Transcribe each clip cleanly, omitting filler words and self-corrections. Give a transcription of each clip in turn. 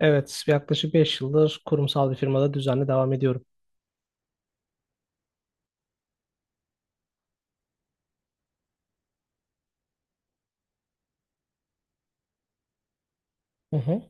Evet, yaklaşık 5 yıldır kurumsal bir firmada düzenli devam ediyorum. Hı hı.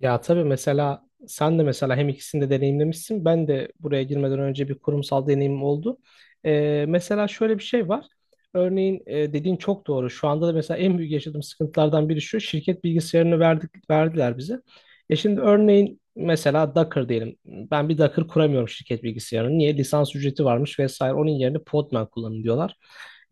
Ya tabii mesela sen de mesela hem ikisini de deneyimlemişsin. Ben de buraya girmeden önce bir kurumsal deneyimim oldu. Mesela şöyle bir şey var. Örneğin dediğin çok doğru. Şu anda da mesela en büyük yaşadığım sıkıntılardan biri şu. Şirket bilgisayarını verdik, verdiler bize. E şimdi örneğin mesela Docker diyelim. Ben bir Docker kuramıyorum şirket bilgisayarını. Niye? Lisans ücreti varmış vesaire. Onun yerine Podman kullanın diyorlar.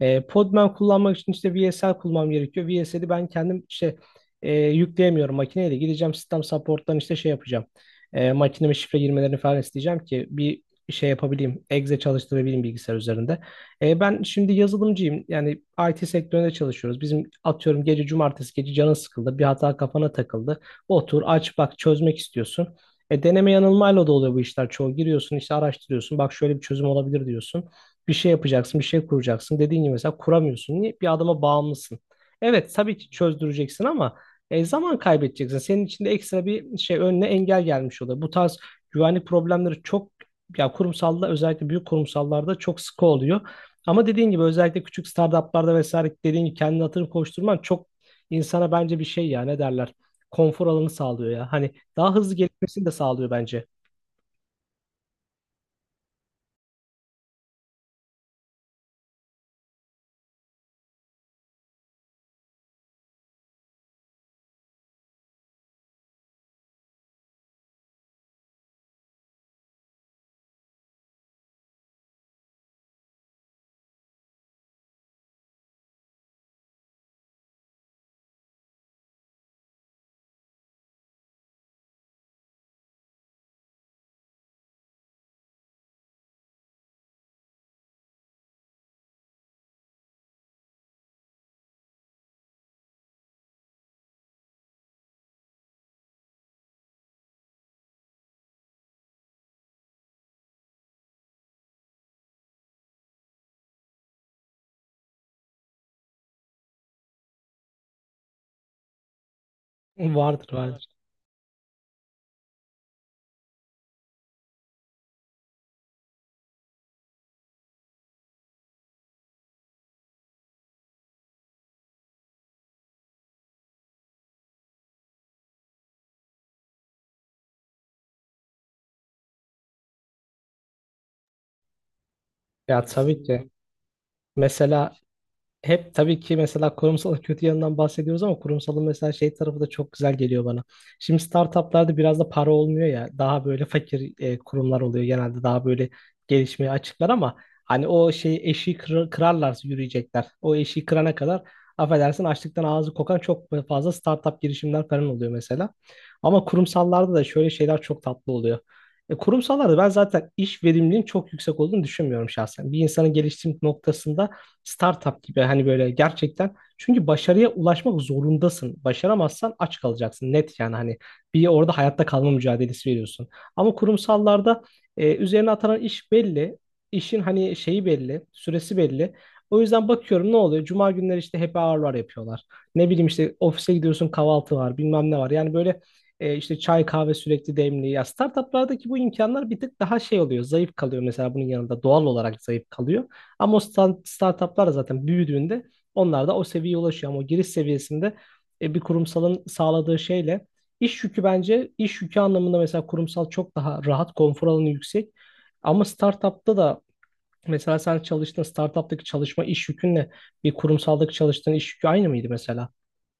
Podman kullanmak için işte VSL kullanmam gerekiyor. VSL'i ben kendim işte yükleyemiyorum makineyle. Gideceğim sistem support'tan işte şey yapacağım. Makineme şifre girmelerini falan isteyeceğim ki bir şey yapabileyim. Exe çalıştırabileyim bilgisayar üzerinde. Ben şimdi yazılımcıyım. Yani IT sektöründe çalışıyoruz. Bizim atıyorum gece cumartesi gece canın sıkıldı. Bir hata kafana takıldı. Otur aç bak çözmek istiyorsun. Deneme yanılmayla da oluyor bu işler çoğu. Giriyorsun işte araştırıyorsun. Bak şöyle bir çözüm olabilir diyorsun. Bir şey yapacaksın, bir şey kuracaksın. Dediğin gibi mesela kuramıyorsun. Niye? Bir adama bağımlısın. Evet, tabii ki çözdüreceksin ama zaman kaybedeceksin. Senin için de ekstra bir şey önüne engel gelmiş oluyor. Bu tarz güvenlik problemleri çok ya kurumsalda özellikle büyük kurumsallarda çok sıkı oluyor. Ama dediğin gibi özellikle küçük startuplarda vesaire dediğin gibi kendini hatırı koşturman çok insana bence bir şey ya ne derler konfor alanı sağlıyor ya. Hani daha hızlı gelişmesini de sağlıyor bence. Vardır vardır. Ya tabii ki. Mesela hep tabii ki mesela kurumsalın kötü yanından bahsediyoruz ama kurumsalın mesela şey tarafı da çok güzel geliyor bana. Şimdi startuplarda biraz da para olmuyor ya daha böyle fakir kurumlar oluyor genelde daha böyle gelişmeye açıklar ama hani o şeyi eşiği kırar, kırarlarsa yürüyecekler. O eşiği kırana kadar affedersin açlıktan ağzı kokan çok fazla startup girişimler falan oluyor mesela. Ama kurumsallarda da şöyle şeyler çok tatlı oluyor. Kurumsallarda ben zaten iş verimliliğin çok yüksek olduğunu düşünmüyorum şahsen. Bir insanın geliştiği noktasında startup gibi hani böyle gerçekten çünkü başarıya ulaşmak zorundasın. Başaramazsan aç kalacaksın net yani hani bir orada hayatta kalma mücadelesi veriyorsun. Ama kurumsallarda üzerine atanan iş belli. İşin hani şeyi belli, süresi belli. O yüzden bakıyorum ne oluyor? Cuma günleri işte happy hour'lar yapıyorlar. Ne bileyim işte ofise gidiyorsun kahvaltı var, bilmem ne var. Yani böyle işte çay kahve sürekli demli. Ya startuplardaki bu imkanlar bir tık daha şey oluyor. Zayıf kalıyor mesela bunun yanında doğal olarak zayıf kalıyor. Ama o startuplar da zaten büyüdüğünde onlar da o seviyeye ulaşıyor. Ama o giriş seviyesinde bir kurumsalın sağladığı şeyle iş yükü bence iş yükü anlamında mesela kurumsal çok daha rahat, konfor alanı yüksek. Ama startupta da mesela sen çalıştığın startuptaki çalışma iş yükünle bir kurumsaldaki çalıştığın iş yükü aynı mıydı mesela?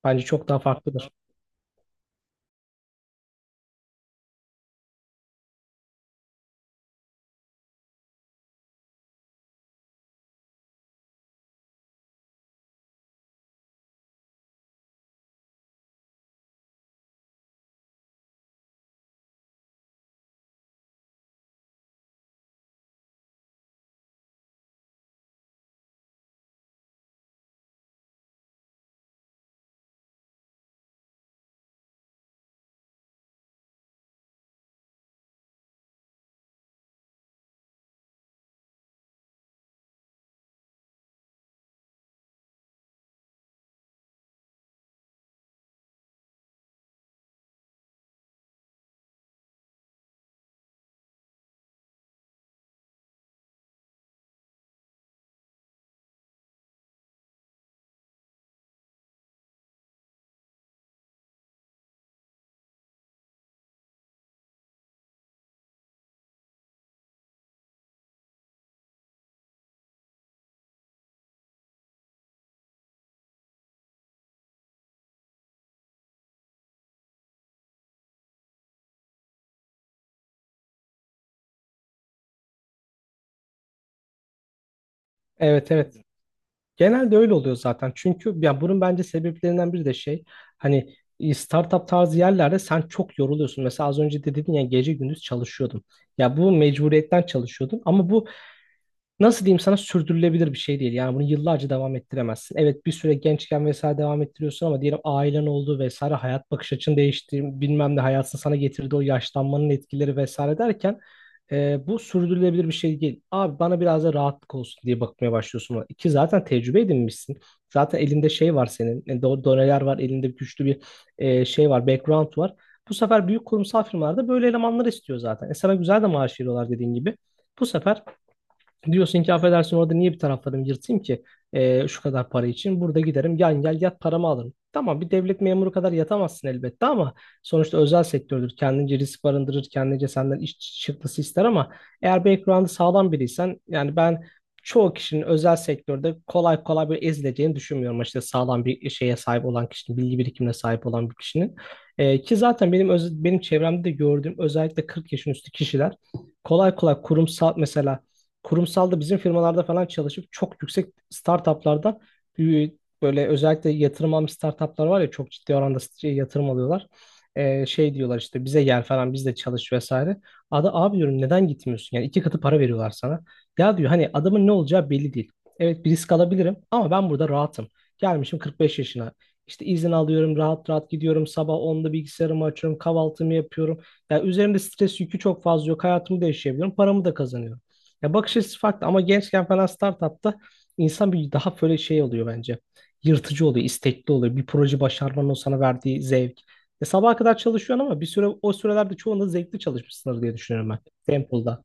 Bence çok daha farklıdır. Evet evet. Genelde öyle oluyor zaten. Çünkü ya bunun bence sebeplerinden biri de şey hani startup tarzı yerlerde sen çok yoruluyorsun. Mesela az önce de dedin ya gece gündüz çalışıyordum. Ya bu mecburiyetten çalışıyordun ama bu nasıl diyeyim sana sürdürülebilir bir şey değil. Yani bunu yıllarca devam ettiremezsin. Evet bir süre gençken vesaire devam ettiriyorsun ama diyelim ailen oldu vesaire hayat bakış açın değişti bilmem ne hayatın sana getirdiği o yaşlanmanın etkileri vesaire derken bu sürdürülebilir bir şey değil. Abi bana biraz da rahatlık olsun diye bakmaya başlıyorsun ona. İki zaten tecrübe edinmişsin. Zaten elinde şey var senin. Doneler var elinde güçlü bir şey var background var. Bu sefer büyük kurumsal firmalarda böyle elemanlar istiyor zaten. E sana güzel de maaş veriyorlar dediğin gibi. Bu sefer diyorsun ki affedersin orada niye bir taraflarımı yırtayım ki şu kadar para için. Burada giderim gel gel yat paramı alırım. Tamam bir devlet memuru kadar yatamazsın elbette ama sonuçta özel sektördür. Kendince risk barındırır, kendince senden iş çıktısı ister ama eğer background'ı sağlam biriysen yani ben çoğu kişinin özel sektörde kolay kolay böyle ezileceğini düşünmüyorum. İşte sağlam bir şeye sahip olan kişinin, bilgi birikimine sahip olan bir kişinin. Ki zaten benim benim çevremde de gördüğüm özellikle 40 yaşın üstü kişiler kolay kolay kurumsal mesela kurumsalda bizim firmalarda falan çalışıp çok yüksek startuplardan e, böyle özellikle yatırım almış startuplar var ya çok ciddi oranda şey, yatırım alıyorlar. Şey diyorlar işte bize gel falan biz de çalış vesaire. Ada abi diyorum neden gitmiyorsun? Yani iki katı para veriyorlar sana. Ya diyor hani adamın ne olacağı belli değil. Evet bir risk alabilirim ama ben burada rahatım. Gelmişim 45 yaşına. İşte izin alıyorum, rahat rahat gidiyorum. Sabah onda bilgisayarımı açıyorum, kahvaltımı yapıyorum. Yani üzerimde stres yükü çok fazla yok. Hayatımı da yaşayabiliyorum, paramı da kazanıyorum. Ya bakış açısı farklı ama gençken falan startupta insan bir daha böyle şey oluyor bence. Yırtıcı oluyor, istekli oluyor. Bir proje başarmanın o sana verdiği zevk. Sabaha kadar çalışıyorsun ama bir süre o sürelerde çoğunda zevkli çalışmışsındır diye düşünüyorum ben. Temple'da.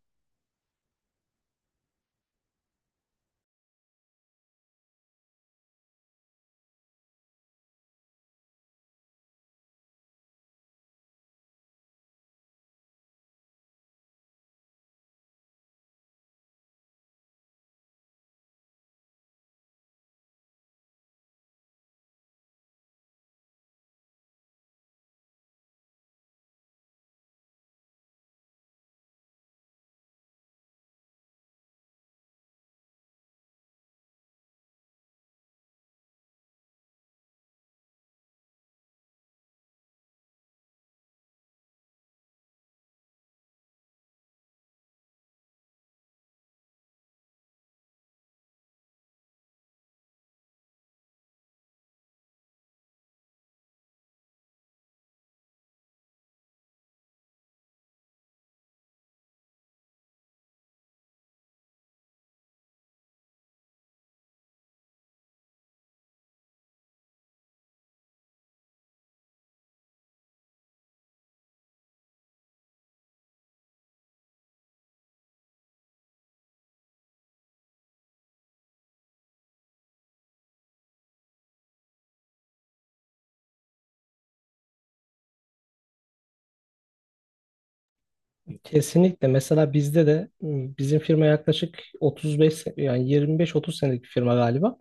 Kesinlikle. Mesela bizde de bizim firma yaklaşık 35 yani 25-30 senelik bir firma galiba.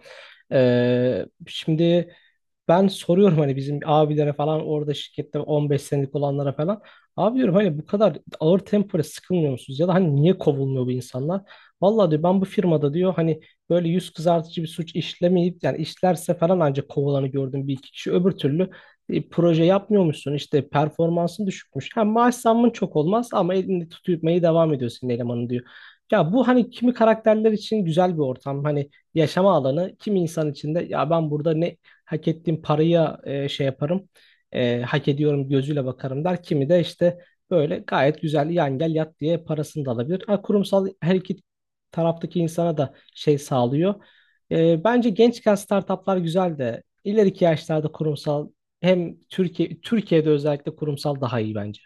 Şimdi ben soruyorum hani bizim abilere falan orada şirkette 15 senelik olanlara falan. Abi diyorum hani bu kadar ağır tempoya sıkılmıyor musunuz? Ya da hani niye kovulmuyor bu insanlar? Vallahi diyor ben bu firmada diyor hani böyle yüz kızartıcı bir suç işlemeyip yani işlerse falan ancak kovulanı gördüm bir iki kişi. Öbür türlü proje yapmıyormuşsun işte performansın düşükmüş. Hem maaş zammın çok olmaz ama elini tutmayı devam ediyorsun elemanın diyor. Ya bu hani kimi karakterler için güzel bir ortam hani yaşama alanı kimi insan için de ya ben burada ne hak ettiğim paraya şey yaparım hak ediyorum gözüyle bakarım der. Kimi de işte böyle gayet güzel yan gel yat diye parasını da alabilir. Ha, kurumsal her iki taraftaki insana da şey sağlıyor. Bence gençken startuplar güzel de ileriki yaşlarda kurumsal hem Türkiye Türkiye'de özellikle kurumsal daha iyi bence.